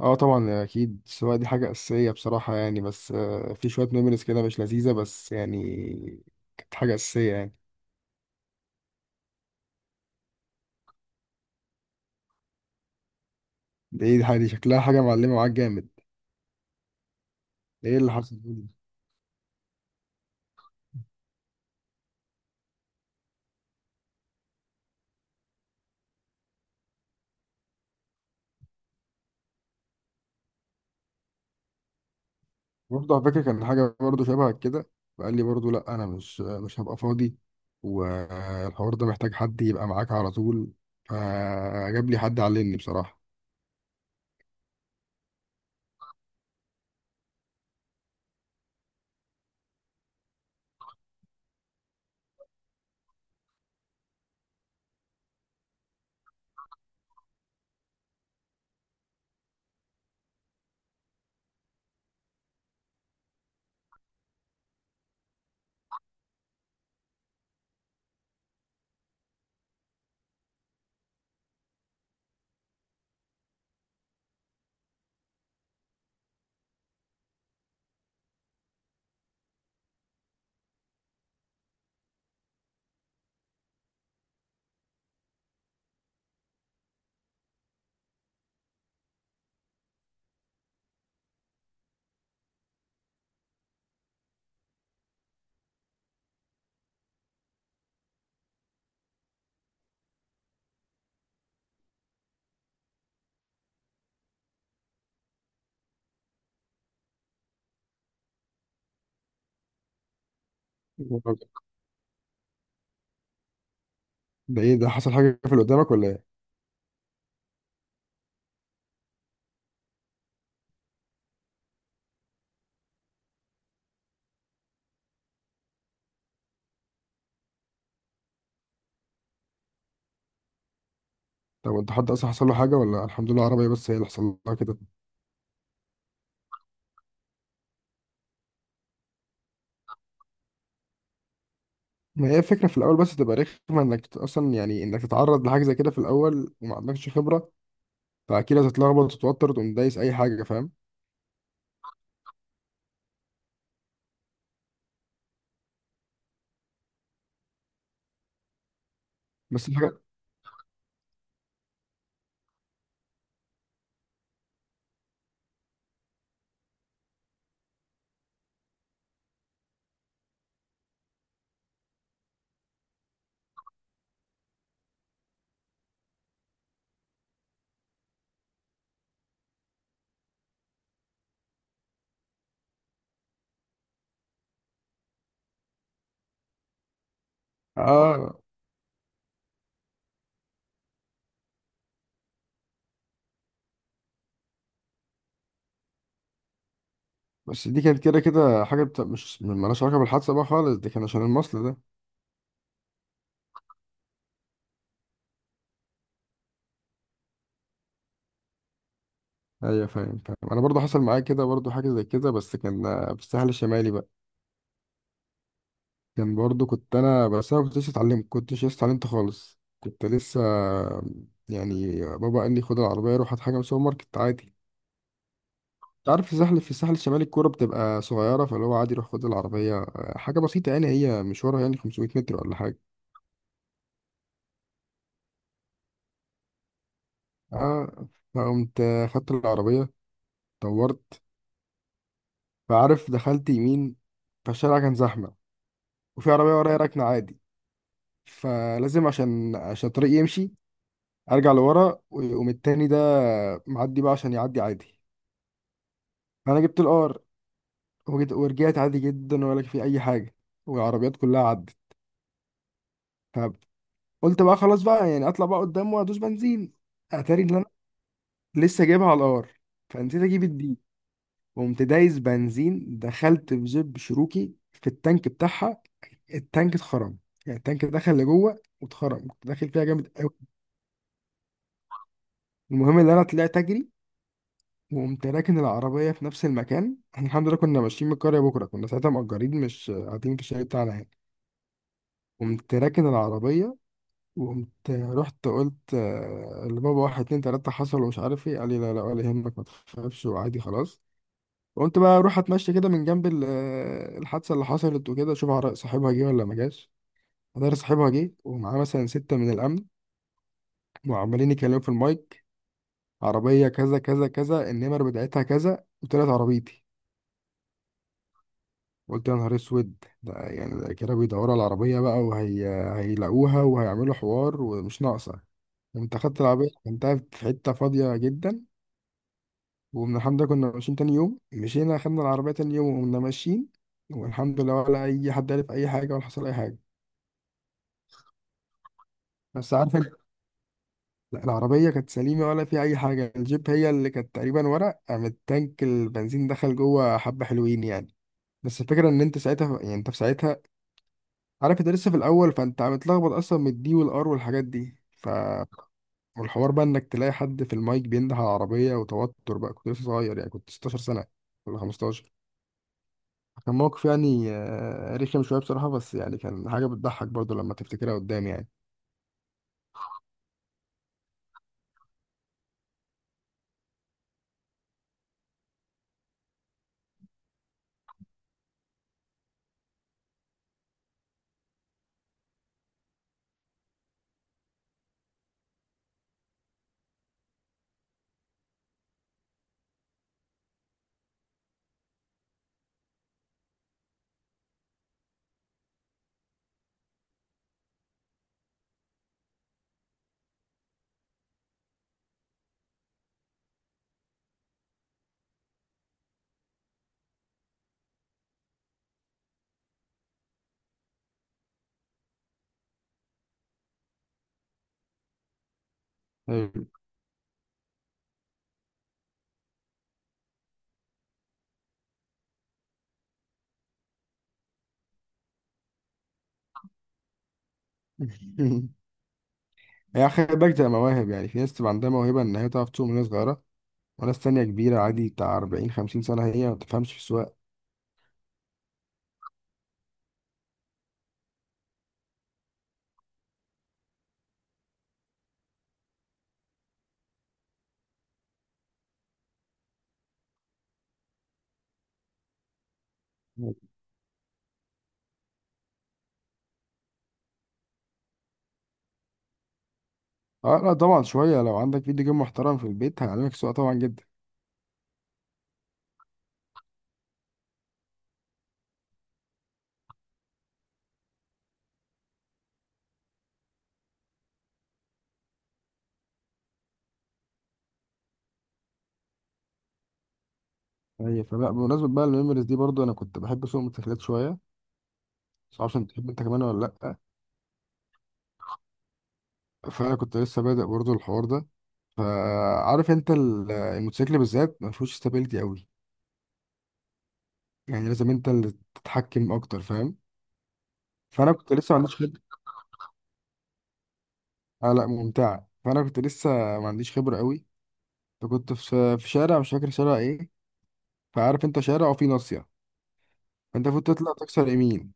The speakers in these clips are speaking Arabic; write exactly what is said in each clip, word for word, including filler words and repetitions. اه طبعا اكيد السواقه دي حاجه اساسيه بصراحه، يعني بس آه، في شويه ميموريز كده مش لذيذه، بس يعني كانت حاجه اساسيه يعني. ده ايه الحاجه دي؟ شكلها حاجه معلمه معاك جامد. ايه اللي حصل دي؟ برضه على فكره كان حاجه برضه شبه كده. فقال لي برضه لا، انا مش مش هبقى فاضي، والحوار ده محتاج حد يبقى معاك على طول. فجاب لي حد علمني بصراحه. ده ايه ده، حصل حاجه في اللي قدامك ولا ايه؟ طب انت حد اصلا حصل له حاجه، ولا الحمد لله عربيه بس هي اللي حصل لها كده؟ ما هي الفكرة في الأول بس تبقى رخمة إنك تت- أصلا يعني إنك تتعرض لحاجة زي كده في الأول وما عندكش خبرة، فأكيد هتتلخبط وتتوتر وتقوم دايس أي حاجة، فاهم؟ بس الحاجة آه، بس دي كانت كده كده حاجة بتا... مش مالهاش علاقة بالحادثة بقى خالص، دي كان عشان المصل ده. أيوة، فاهم فاهم. أنا برضو حصل معايا كده، برضو حاجة زي كده، بس كان آه، في الساحل الشمالي بقى. كان برضو كنت أنا، بس أنا كنتش اتعلمت، كنتش لسه اتعلمت خالص، كنت لسه آه، يعني بابا قال لي خد العربية روح هات حاجة من السوبر ماركت عادي. تعرف في الساحل في الساحل الشمالي الكورة بتبقى صغيرة، فاللي هو عادي يروح خد العربية آه، حاجة بسيطة، يعني هي مشوارها يعني خمسمية متر ولا حاجة. آه، فقمت آه، خدت العربية، دورت، فعارف دخلت يمين. فالشارع كان زحمة وفي عربية ورايا راكنة عادي، فلازم عشان عشان الطريق يمشي أرجع لورا ويقوم التاني ده معدي بقى عشان يعدي عادي. فأنا جبت الار وجيت- ورجعت عادي جدا ولا في أي حاجة، والعربيات كلها عدت. فقلت بقى خلاص بقى يعني أطلع بقى قدام وأدوس بنزين. اتاري ان لسه جايبها على الار، فنسيت اجيب الدي. قمت دايس بنزين، دخلت بزب شروكي في التانك بتاعها، التانك اتخرم، يعني التانك دخل لجوه واتخرم، كنت داخل فيها جامد قوي. المهم ان انا طلعت اجري، وقمت راكن العربيه في نفس المكان. احنا الحمد لله كنا ماشيين من القريه بكره، كنا ساعتها مأجرين، مش قاعدين في الشارع بتاعنا يعني. قمت راكن العربيه، وقمت رحت قلت آه، لبابا واحد اتنين تلاته حصل ومش عارف ايه. قال لي لا لا ولا يهمك ما تخافش وعادي خلاص. قلت بقى اروح اتمشى كده من جنب ال- الحادثه اللي حصلت وكده، اشوف عر- صاحبها جه ولا ما جاش. ادار صاحبها جه ومعاه مثلا سته من الامن، وعمالين يتكلموا في المايك عربيه كذا كذا كذا النمر بتاعتها كذا، وطلعت عربيتي. قلت يا نهار اسود، ده يعني ده كده بيدوروا على العربيه بقى، وهي هيلاقوها وهيعملوا حوار ومش ناقصه. قمت اخدت العربيه كنتها في حته فاضيه جدا، ومن الحمد لله كنا ماشيين تاني يوم، مشينا خدنا العربيه تاني يوم وقمنا ماشيين، والحمد لله ولا اي حد عرف اي حاجه ولا حصل اي حاجه. بس عارف انت، العربية كانت سليمة ولا في أي حاجة، الجيب هي اللي كانت تقريبا ورق، قام التانك البنزين دخل جوه حبة، حلوين يعني. بس الفكرة إن أنت ساعتها يعني أنت في ساعتها عارف أنت لسه في الأول، فأنت متلخبط أصلا من الدي والآر والحاجات دي، ف والحوار بقى إنك تلاقي حد في المايك بينده على العربية وتوتر بقى، كنت لسه صغير، يعني كنت ستاشر سنة ولا خمستاشر. كان موقف يعني آه، رخم شوية بصراحة، بس يعني كان حاجة بتضحك برضو لما تفتكرها قدام يعني. أيوة. هي خلي بالك تبقى مواهب، يعني في ناس تبقى عندها موهبة إن هي تعرف تسوق من وهي صغيرة، وناس تانية كبيرة عادي بتاع اربعين خمسين سنة هي ما تفهمش في السواقة. اه لا طبعا شوية، لو عندك فيديو جيم محترم في البيت هيعلمك السواقة طبعا جدا. هي فلا، بمناسبة بقى الميموريز دي، برضو أنا كنت بحب أسوق موتوسيكلات شوية، بس معرفش أنت بتحب أنت كمان ولا لأ. فأنا كنت لسه بادئ برضو الحوار ده، فعارف أنت ال- الموتوسيكل بالذات ما فيهوش استابيليتي قوي، يعني لازم أنت اللي تتحكم أكتر، فاهم؟ فأنا كنت لسه ما عنديش خبرة. آه لا ممتعة. فأنا كنت لسه ما عنديش خبرة قوي. فكنت في س- في شارع مش فاكر شارع ايه، فعارف انت شارع وفي ناصية، فانت المفروض تطلع تكسر يمين.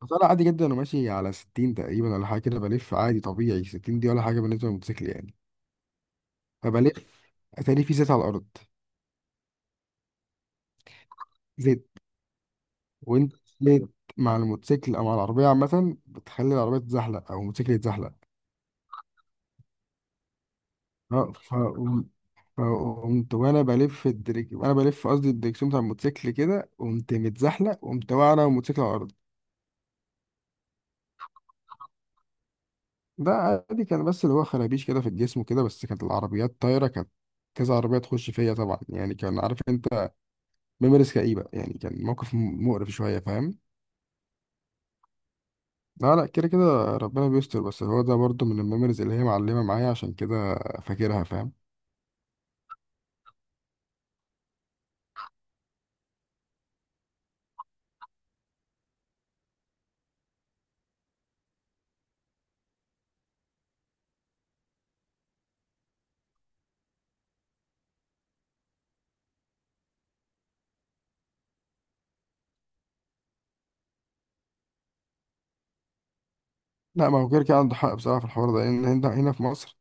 فطلع عادي جدا، انا ماشي على ستين تقريبا ولا حاجة كده، بلف عادي طبيعي، ستين دي ولا حاجة بالنسبة للموتوسيكل يعني. فبلف، اتاري في زيت على الأرض. زيت. وانت زيت مع الموتوسيكل أو مع العربية عامة بتخلي العربية تتزحلق أو الموتوسيكل يتزحلق. اه ف فقمت وانا بلف الدريك وانا بلف قصدي الدريكسيون بتاع الموتوسيكل كده، قمت متزحلق، قمت واقع انا والموتوسيكل على الارض. ده عادي كان، بس اللي هو خرابيش كده في الجسم وكده، بس كانت العربيات طايرة، كانت كذا عربية تخش فيا طبعا يعني، كان عارف انت، ميموريز كئيبة يعني، كان موقف م- مقرف شوية، فاهم؟ لا لا، كده كده ربنا بيستر، بس هو ده برضو من الميموريز اللي هي معلمة معايا عشان كده فاكرها، فاهم؟ لا، ما هو كده كده عنده حق بصراحة في الحوار ده، لأن هنا هنا في مصر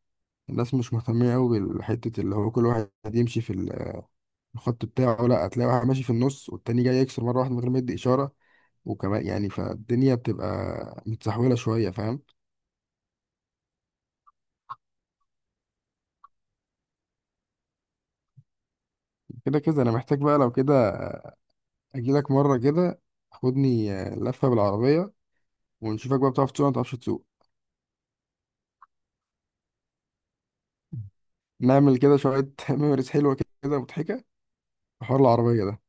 الناس مش مهتمية أوي بالحتة، اللي هو كل واحد يمشي في ال- الخط بتاعه. لا، هتلاقي واحد ماشي في النص والتاني جاي يكسر مرة واحدة من غير ما يدي إشارة، وكمان يعني، فالدنيا بتبقى متسحولة شوية، فاهم؟ كده كده انا محتاج بقى لو كده اجيلك مره كده، خدني آه، لفه بالعربيه ونشوفك بقى بتعرف تسوق ولا ما بتعرفش تسوق. نعمل كده شويه ميموريز حلوه كده مضحكه في حوار العربيه ده.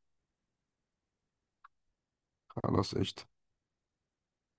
خلاص قشطه.